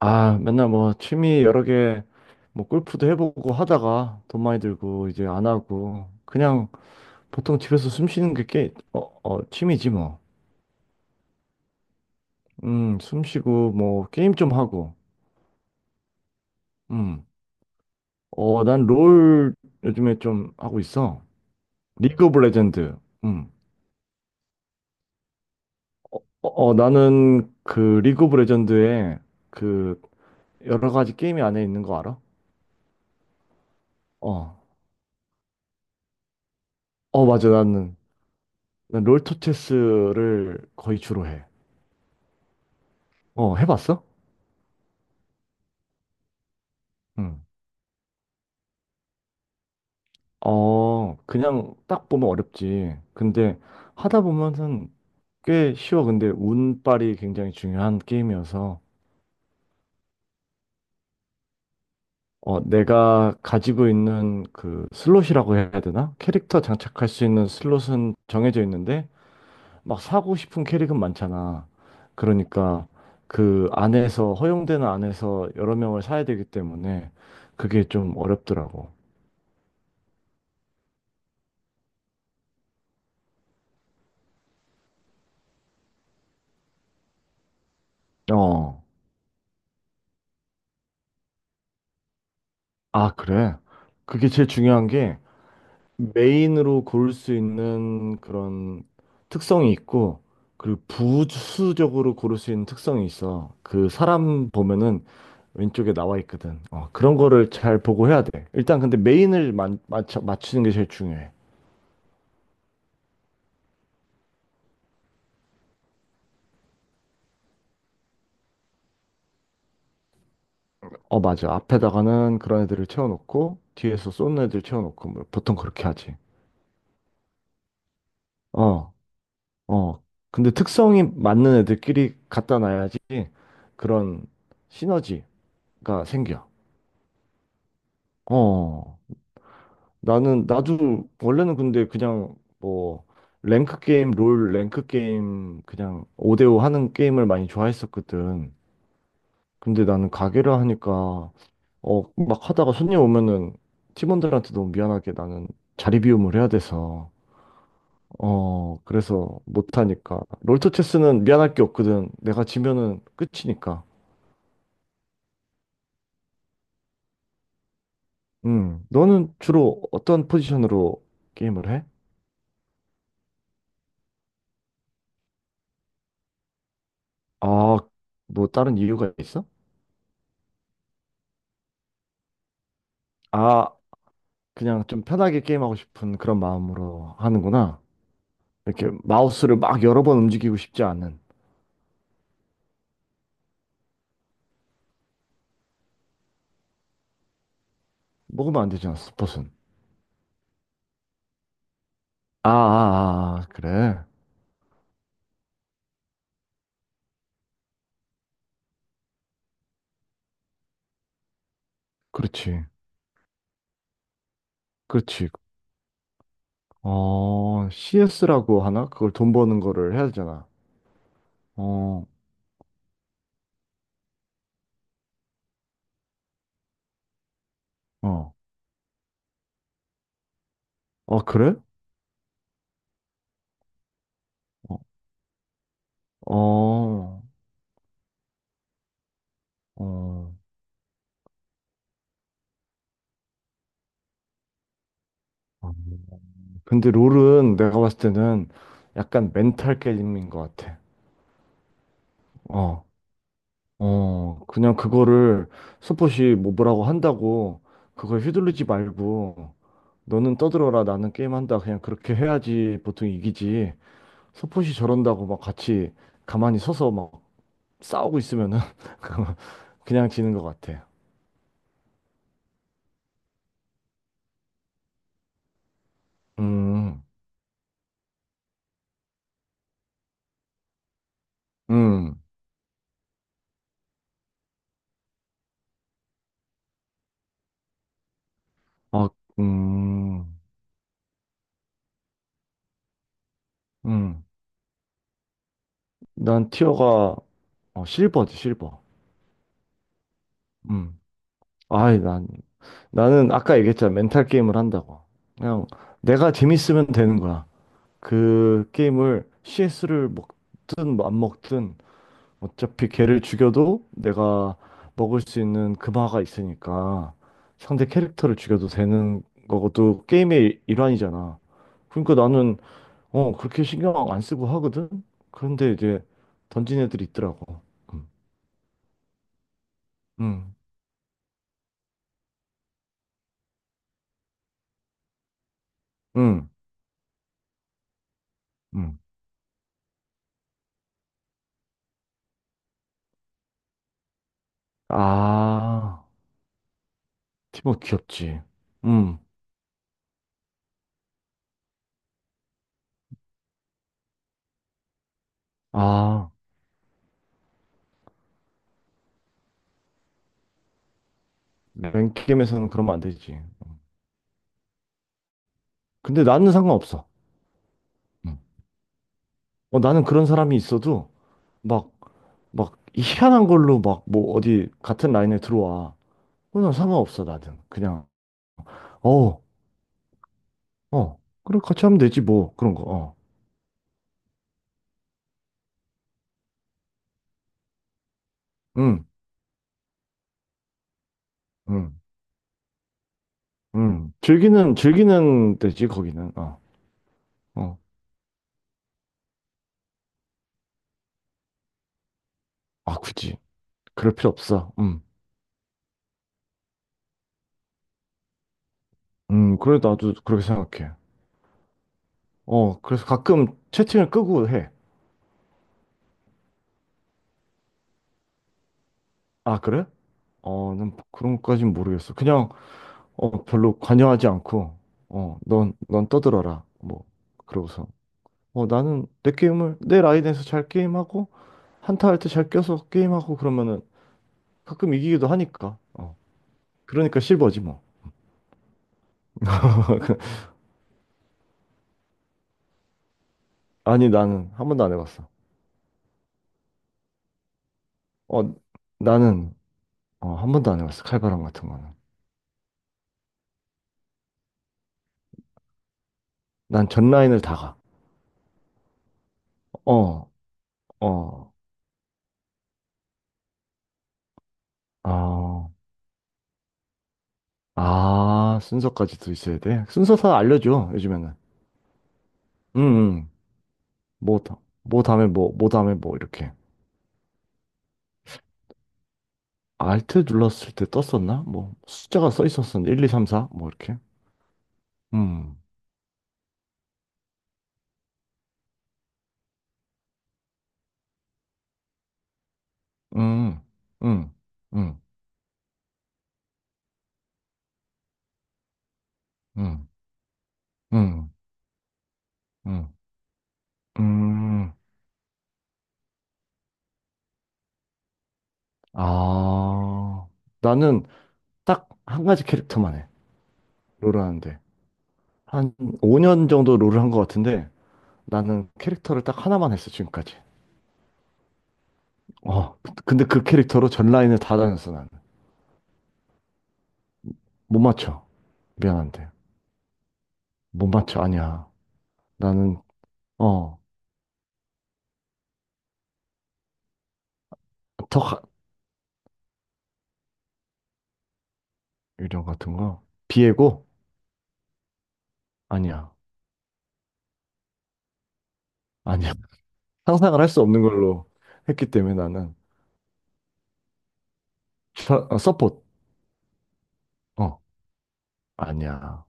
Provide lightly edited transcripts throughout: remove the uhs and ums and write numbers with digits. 아, 맨날 뭐 취미 여러 개, 뭐 골프도 해보고 하다가 돈 많이 들고 이제 안 하고 그냥 보통 집에서 숨 쉬는 취미지 뭐. 숨 쉬고 뭐 게임 좀 하고. 음, 난 롤 요즘에 좀 하고 있어. 리그 오브 레전드. 음, 나는 그 리그 오브 레전드에 그 여러 가지 게임이 안에 있는 거 알아? 어, 맞아. 나는 난 롤토체스를 거의 주로 해. 해봤어? 응. 그냥 딱 보면 어렵지. 근데 하다 보면은 꽤 쉬워. 근데 운빨이 굉장히 중요한 게임이어서, 내가 가지고 있는 그 슬롯이라고 해야 되나? 캐릭터 장착할 수 있는 슬롯은 정해져 있는데, 막 사고 싶은 캐릭은 많잖아. 그러니까 그 안에서, 허용되는 안에서 여러 명을 사야 되기 때문에 그게 좀 어렵더라고. 어, 아, 그래. 그게 제일 중요한 게, 메인으로 고를 수 있는 그런 특성이 있고, 그리고 부수적으로 고를 수 있는 특성이 있어. 그 사람 보면은 왼쪽에 나와 있거든. 그런 거를 잘 보고 해야 돼. 일단 근데 메인을 맞추는 게 제일 중요해. 어, 맞아. 앞에다가는 그런 애들을 채워놓고, 뒤에서 쏘는 애들 채워놓고, 뭐 보통 그렇게 하지. 어, 어. 근데 특성이 맞는 애들끼리 갖다 놔야지 그런 시너지가 생겨. 어. 나는 나도 원래는 근데 그냥 뭐 랭크 게임, 롤 랭크 게임 그냥 5대5 하는 게임을 많이 좋아했었거든. 근데 나는 가게를 하니까 막 하다가 손님 오면은 팀원들한테 너무 미안하게 나는 자리 비움을 해야 돼서 그래서 못 하니까 롤토체스는 미안할 게 없거든. 내가 지면은 끝이니까. 너는 주로 어떤 포지션으로 게임을 해? 아, 뭐 다른 이유가 있어? 아, 그냥 좀 편하게 게임하고 싶은 그런 마음으로 하는구나. 이렇게 마우스를 막 여러 번 움직이고 싶지 않은. 먹으면 안 되잖아, 스폿은. 아, 아, 아, 아, 그래. 그렇지. 그렇지. CS라고 하나? 그걸 돈 버는 거를 해야 되잖아. 어, 어. 어, 그래? 어, 어. 어. 어. 근데 롤은 내가 봤을 때는 약간 멘탈 게임인 것 같아. 어. 그냥 그거를 스포시 뭐라고 한다고 그걸 휘둘르지 말고 너는 떠들어라 나는 게임한다 그냥 그렇게 해야지 보통 이기지 스포시 저런다고 막 같이 가만히 서서 막 싸우고 있으면은 그냥 지는 것 같아. 음, 음, 아, 음, 음. 난 티어가 실버지 실버. 음. 아이 난 나는 아까 얘기했잖아 멘탈 게임을 한다고. 그냥 내가 재밌으면 되는 거야. 그 게임을 CS를 먹든 뭐안 먹든 어차피 걔를 죽여도 내가 먹을 수 있는 금화가 있으니까 상대 캐릭터를 죽여도 되는 거고 또 게임의 일환이잖아. 그러니까 나는 그렇게 신경 안 쓰고 하거든. 그런데 이제 던진 애들이 있더라고. 음. 음. 음. 음. 아, 티모 귀엽지. 음. 아, 맨 게임에서는 그러면 안 되지. 근데 나는 상관없어. 음. 나는 그런 사람이 있어도 막, 막 희한한 걸로 막 뭐 어디 같은 라인에 들어와. 그건 상관없어, 나는. 그냥, 어, 어, 그래, 같이 하면 되지, 뭐. 그런 거, 어. 응, 응, 응. 즐기는 데지, 거기는. 어, 어. 아, 굳이. 그럴 필요 없어. 그래, 나도 그렇게 생각해. 어, 그래서 가끔 채팅을 끄고 해. 아, 그래? 난 그런 것까진 모르겠어. 그냥, 별로 관여하지 않고, 넌 떠들어라. 뭐, 그러고서. 나는 내 게임을, 내 라인에서 잘 게임하고, 한타 할 때 잘 껴서 게임하고 그러면은 가끔 이기기도 하니까. 그러니까 실버지 뭐. 아니, 나는 한 번도 안 해봤어. 어, 나는, 한 번도 안 해봤어. 칼바람 같은 거는. 난 전 라인을 다 가. 어, 어, 아, 아, 순서까지도 있어야 돼. 순서 다 알려줘, 요즘에는. 응, 응. 뭐, 다- 뭐 다음에 뭐, 뭐 다음에 뭐, 이렇게. 알트 눌렀을 때 떴었나? 뭐 숫자가 써 있었었는데 1, 2, 3, 4 뭐 이렇게. 음. 음. 음. 음. 음. 음. 음. 음. 아. 나는 딱 한 가지 캐릭터만 해. 롤을 하는데. 한 5년 정도 롤을 한 것 같은데 나는 캐릭터를 딱 하나만 했어, 지금까지. 어. 근데 그 캐릭터로 전 라인을 다 다녔어, 나는. 못 맞춰. 미안한데. 못 맞춰. 아니야. 나는 어. 턱 이런 거 같은 거. 비에고 아니야. 아니야. 상상을 할 수 없는 걸로 했기 때문에 나는 서폿. 어, 아니야.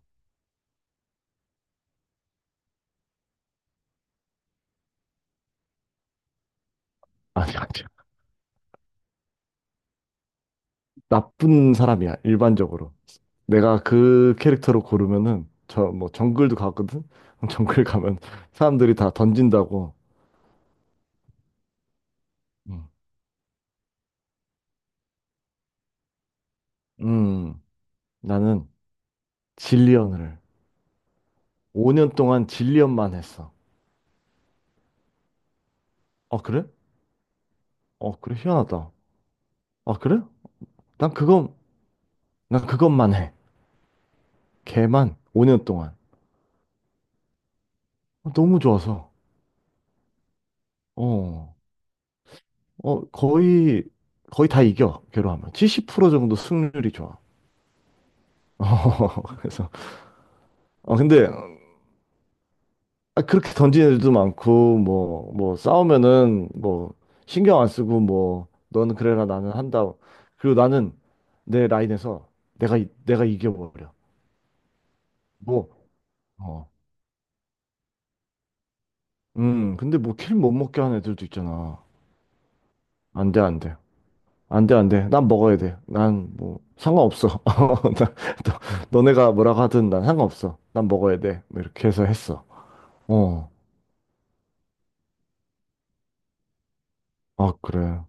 아니야, 아니야. 나쁜 사람이야, 일반적으로. 내가 그 캐릭터로 고르면은 저 뭐 정글도 가거든. 정글 가면 사람들이 다 던진다고. 음, 음, 나는 질리언을 5년 동안 질리언만 했어. 어, 그래? 어, 그래. 희한하다. 아, 그래? 난 그건 난 그것만 해. 걔만 5년 동안. 어, 너무 좋아서. 어. 어, 거의 다 이겨, 걔로 하면. 70% 정도 승률이 좋아. 어, 그래서. 어, 근데, 아, 그렇게 던지는 애들도 많고, 뭐, 뭐, 싸우면은, 뭐, 신경 안 쓰고, 뭐, 너는 그래라, 나는 한다. 그리고 나는 내 라인에서 내가, 내가 이겨버려. 뭐, 어. 근데 뭐, 킬 못 먹게 하는 애들도 있잖아. 안 돼, 안 돼. 안 돼, 안 돼. 난 먹어야 돼. 난 뭐, 상관없어. 어, 나, 네가 뭐라고 하든 난 상관없어. 난 먹어야 돼. 뭐 이렇게 해서 했어. 어. 아, 그래.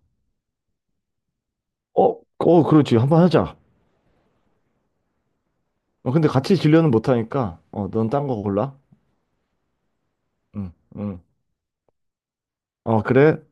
어, 어, 그렇지. 한번 하자. 어, 근데 같이 진료는 못 하니까. 어, 넌 딴 거 골라. 응, 응. 어, 그래.